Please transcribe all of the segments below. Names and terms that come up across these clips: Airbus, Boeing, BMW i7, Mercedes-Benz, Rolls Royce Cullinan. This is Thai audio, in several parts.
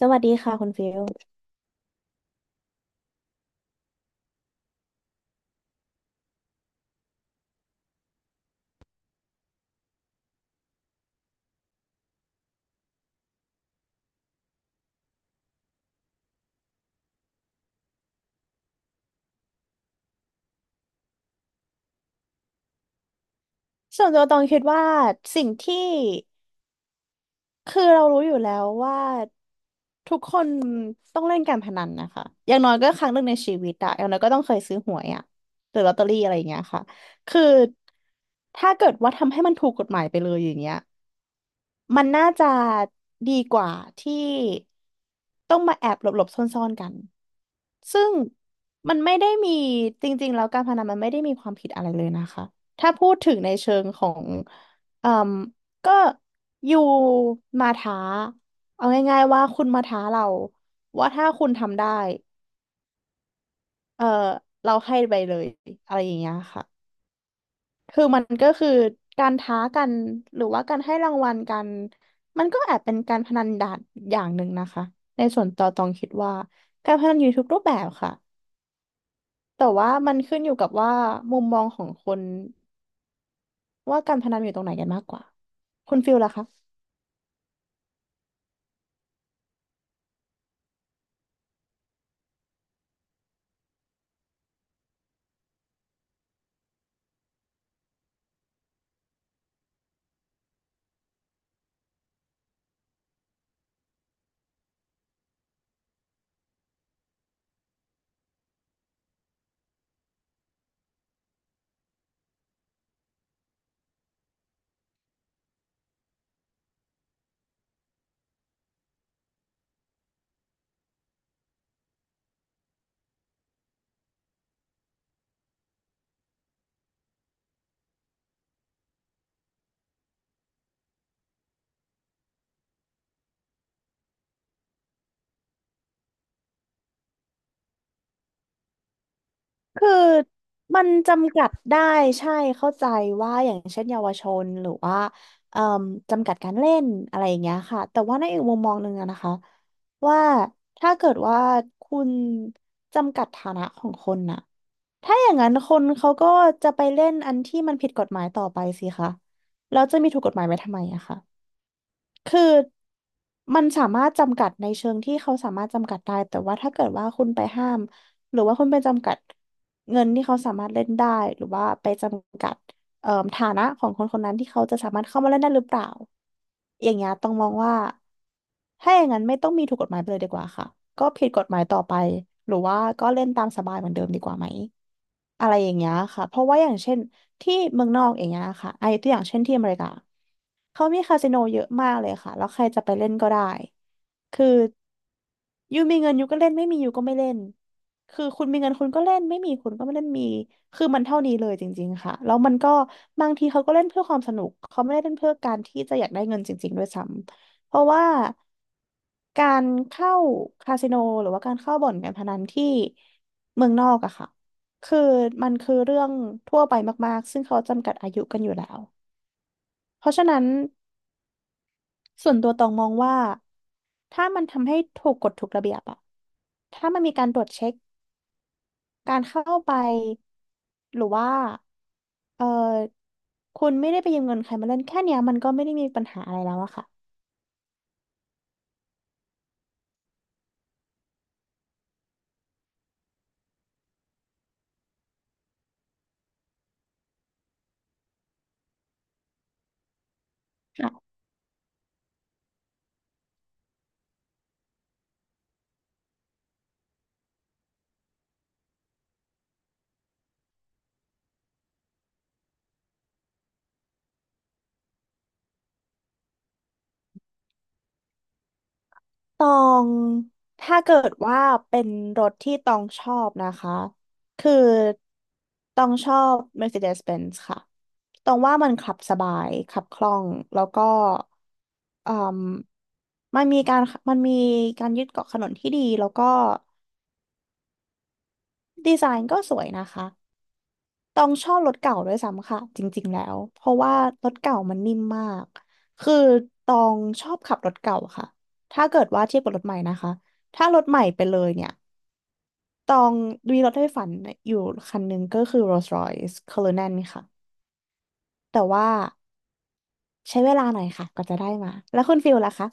สวัสดีค่ะคุณฟิลส่วนตัวตองคิดว่าสิ่งที่คือเรารู้อยู่แล้วว่าทุกคนต้องเล่นการพนันนะคะอย่างน้อยก็ครั้งหนึ่งในชีวิตอะอย่างน้อยก็ต้องเคยซื้อหวยอะหรือลอตเตอรี่อะไรอย่างเงี้ยค่ะคือถ้าเกิดว่าทำให้มันถูกกฎหมายไปเลยอย่างเงี้ย มันน่าจะดีกว่าที่ต้องมาแอบหลบๆซ่อนๆกัน ซึ่งมันไม่ได้มีจริงๆแล้วการพนันมันไม่ได้มีความผิดอะไรเลยนะคะ ถ้าพูดถึงในเชิงของเอ่มก็อยู่มาท้าเอาง่ายๆว่าคุณมาท้าเราว่าถ้าคุณทำได้เออเราให้ไปเลยอะไรอย่างเงี้ยค่ะ คือมันก็คือการท้ากันหรือว่าการให้รางวัลกันมันก็แอบเป็นการพนันดานอย่างหนึ่งนะคะในส่วนต่อตองคิดว่าการพนันอยู่ทุกรูปแบบค่ะแต่ว่ามันขึ้นอยู่กับว่ามุมมองของคนว่าการพนันอยู่ตรงไหนกันมากกว่าคุณฟิลล่ะคะ คือมันจำกัดได้ใช่เข้าใจว่าอย่างเช่นเยาวชนหรือว่าเอ่มจำกัดการเล่นอะไรอย่างเงี้ยค่ะแต่ว่าในอีกมุมมองหนึ่งอะนะคะว่าถ้าเกิดว่าคุณจำกัดฐานะของคนน่ะถ้าอย่างนั้นคนเขาก็จะไปเล่นอันที่มันผิดกฎหมายต่อไปสิคะแล้วจะมีถูกกฎหมายไว้ทำไมอะคะ คือมันสามารถจำกัดในเชิงที่เขาสามารถจำกัดได้แต่ว่าถ้าเกิดว่าคุณไปห้ามหรือว่าคุณไปจำกัดเงินที่เขาสามารถเล่นได้หรือว่าไปจำกัดฐานะของคนคนนั้นที่เขาจะสามารถเข้ามาเล่นได้หรือเปล่าอย่างเงี้ยต้องมองว่าถ้าอย่างนั้นไม่ต้องมีถูกกฎหมายไปเลยดีกว่าค่ะก็ผิดกฎหมายต่อไปหรือว่าก็เล่นตามสบายเหมือนเดิมดีกว่าไหมอะไรอย่างเงี้ยค่ะเพราะว่าอย่างเช่น ที่เมืองนอกอย่างเงี้ยค่ะ ไอ้ตัวอย่างเช่นที่อเมริกาเขามีคาสิโนเยอะมากเลยค่ะ แล้วใครจะไปเล่นก็ได้ คือ ยูมีเงินยูก็เล่นไม่มียูก็ไม่เล่น คือคุณมีเงินคุณก็เล่นไม่มีคุณก็ไม่เล่นมีคือมันเท่านี้เลยจริงๆค่ะแล้วมันก็บางทีเขาก็เล่นเพื่อความสนุกเขาไม่ได้เล่นเพื่อการที่จะอยากได้เงินจริงๆด้วยซ้ำเพราะว่าการเข้าคาสิโนหรือว่าการเข้าบ่อนการพนันที่เมืองนอกอะค่ะคือมันคือเรื่องทั่วไปมากๆซึ่งเขาจำกัดอายุกันอยู่แล้วเพราะฉะนั้น ส่วนตัวตองมองว่าถ้ามันทำให้ถูกกฎถูกระเบียบอะถ้ามันมีการตรวจเช็คการเข้าไปหรือว่าเออคุณไม่ได้ไปยืมเงินใครมาเล่นแค่เนี้ยมันก็ไม่ได้มีปัญหาอะไรแล้วอะค่ะ ตองถ้าเกิดว่าเป็นรถที่ตองชอบนะคะคือตองชอบ Mercedes-Benz ค่ะตองว่ามันขับสบายขับคล่องแล้วก็อืมมันมีการมันมียึดเกาะถนนที่ดีแล้วก็ดีไซน์ก็สวยนะคะตองชอบรถเก่าด้วยซ้ำค่ะจริงๆแล้วเพราะว่ารถเก่ามันนิ่มมากคือตองชอบขับรถเก่าค่ะถ้าเกิดว่าเทียบกับรถใหม่นะคะถ้ารถใหม่ไปเลยเนี่ย ตองมีรถไฟฝันอยู่คันหนึ่งก็คือ Rolls Royce Cullinan ค่ะแต่ว่าใช้เวลาหน่อยค่ะก็จะได้มาแล้วคุณฟิลล่ะคะ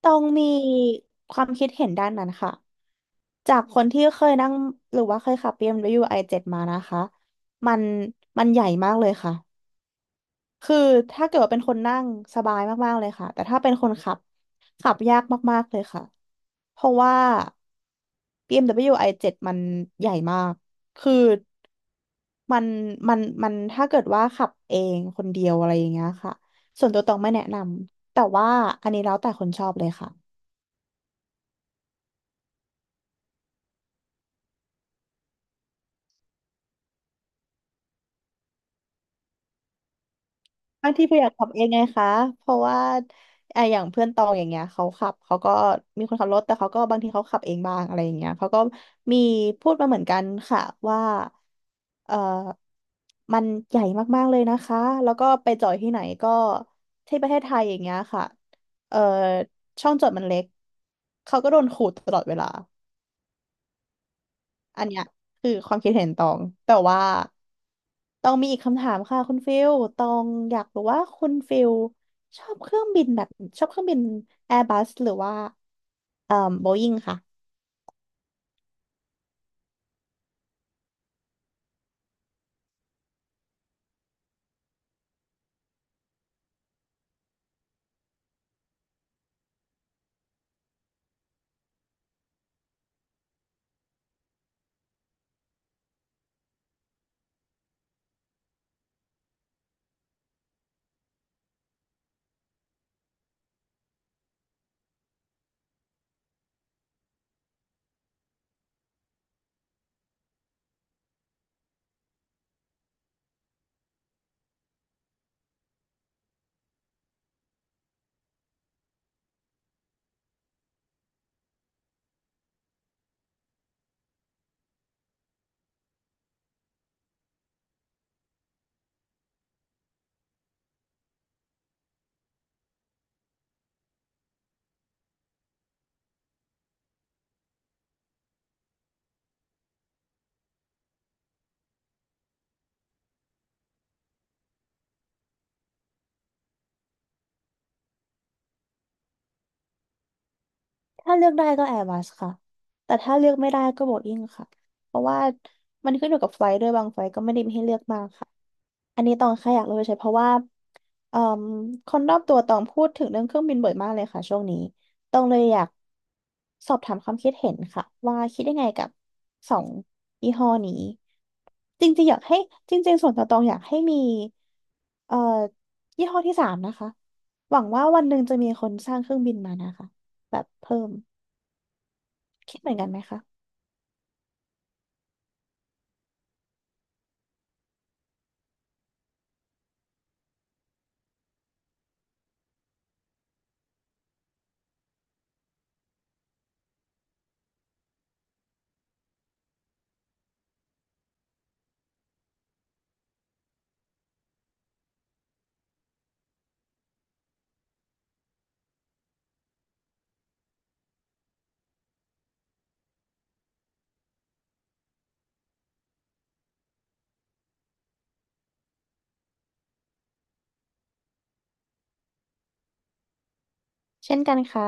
ตองมีความคิดเห็นด้านนั้นค่ะจากคนที่เคยนั่งหรือว่าเคยขับเีเอ็มดับเบิลยไอเจ็ดมานะคะมันมันใหญ่มากเลยค่ะ คือถ้าเกิดว่าเป็นคนนั่งสบายมากๆเลยค่ะแต่ถ้าเป็นคนขับขับยากมากๆเลยค่ะเพราะว่า BMW i7 มดับเบิลยูไอเจ็ดมันใหญ่มากคือมันมันถ้าเกิดว่าขับเองคนเดียวอะไรอย่างเงี้ยค่ะส่วนตัวตองไม่แนะนำแต่ว่าอันนี้แล้วแต่คนชอบเลยค่ะ บางทีเพื่อนอยากขับเองไงคะเพราะว่าไอะอย่างเพื่อนตองอย่างเงี้ยเขาขับเขาก็มีคนขับรถแต่เขาก็บางทีเขาขับเองบ้างอะไรอย่างเงี้ยเขาก็มีพูดมาเหมือนกันค่ะว่าเออมันใหญ่มากๆเลยนะคะแล้วก็ไปจอดที่ไหนก็ที่ประเทศไทยอย่างเงี้ยค่ะเออช่องจอดมันเล็กเขาก็โดนขูดตลอดเวลา อันเนี้ยคือความคิดเห็นตองแต่ว่าตองมีอีกคำถามค่ะคุณฟิลตองอยากรู้ว่าคุณฟิลชอบเครื่องบินแบบชอบเครื่องบินแอร์บัสหรือว่าเอ่อโบอิงค่ะ ถ้าเลือกได้ก็แอร์บัสค่ะ แต่ถ้าเลือกไม่ได้ก็โบอิ้งค่ะ เพราะว่ามันขึ้นอยู่กับไฟล์ด้วยบางไฟล์ก็ไม่ได้มีให้เลือกมากค่ะ อันนี้ตองแค่อยากรู้เฉยๆเพราะว่าเอ่มคนรอบตัวตองพูดถึงเรื่องเครื่องบินบ่อยมากเลยค่ะช่วงนี้ ตองเลยอยากสอบถามความคิดเห็นค่ะว่าคิดยังไงกับสองยี่ห้อนี้ จริงๆอยากให้จริงๆส่วนตัวตองอยากให้มีเอ่อยี่ห้อที่สามนะคะหวังว่าวันหนึ่งจะมีคนสร้างเครื่องบินมานะคะแบบเพิ่ม คิดเหมือนกันไหมคะเช่นกันค่ะ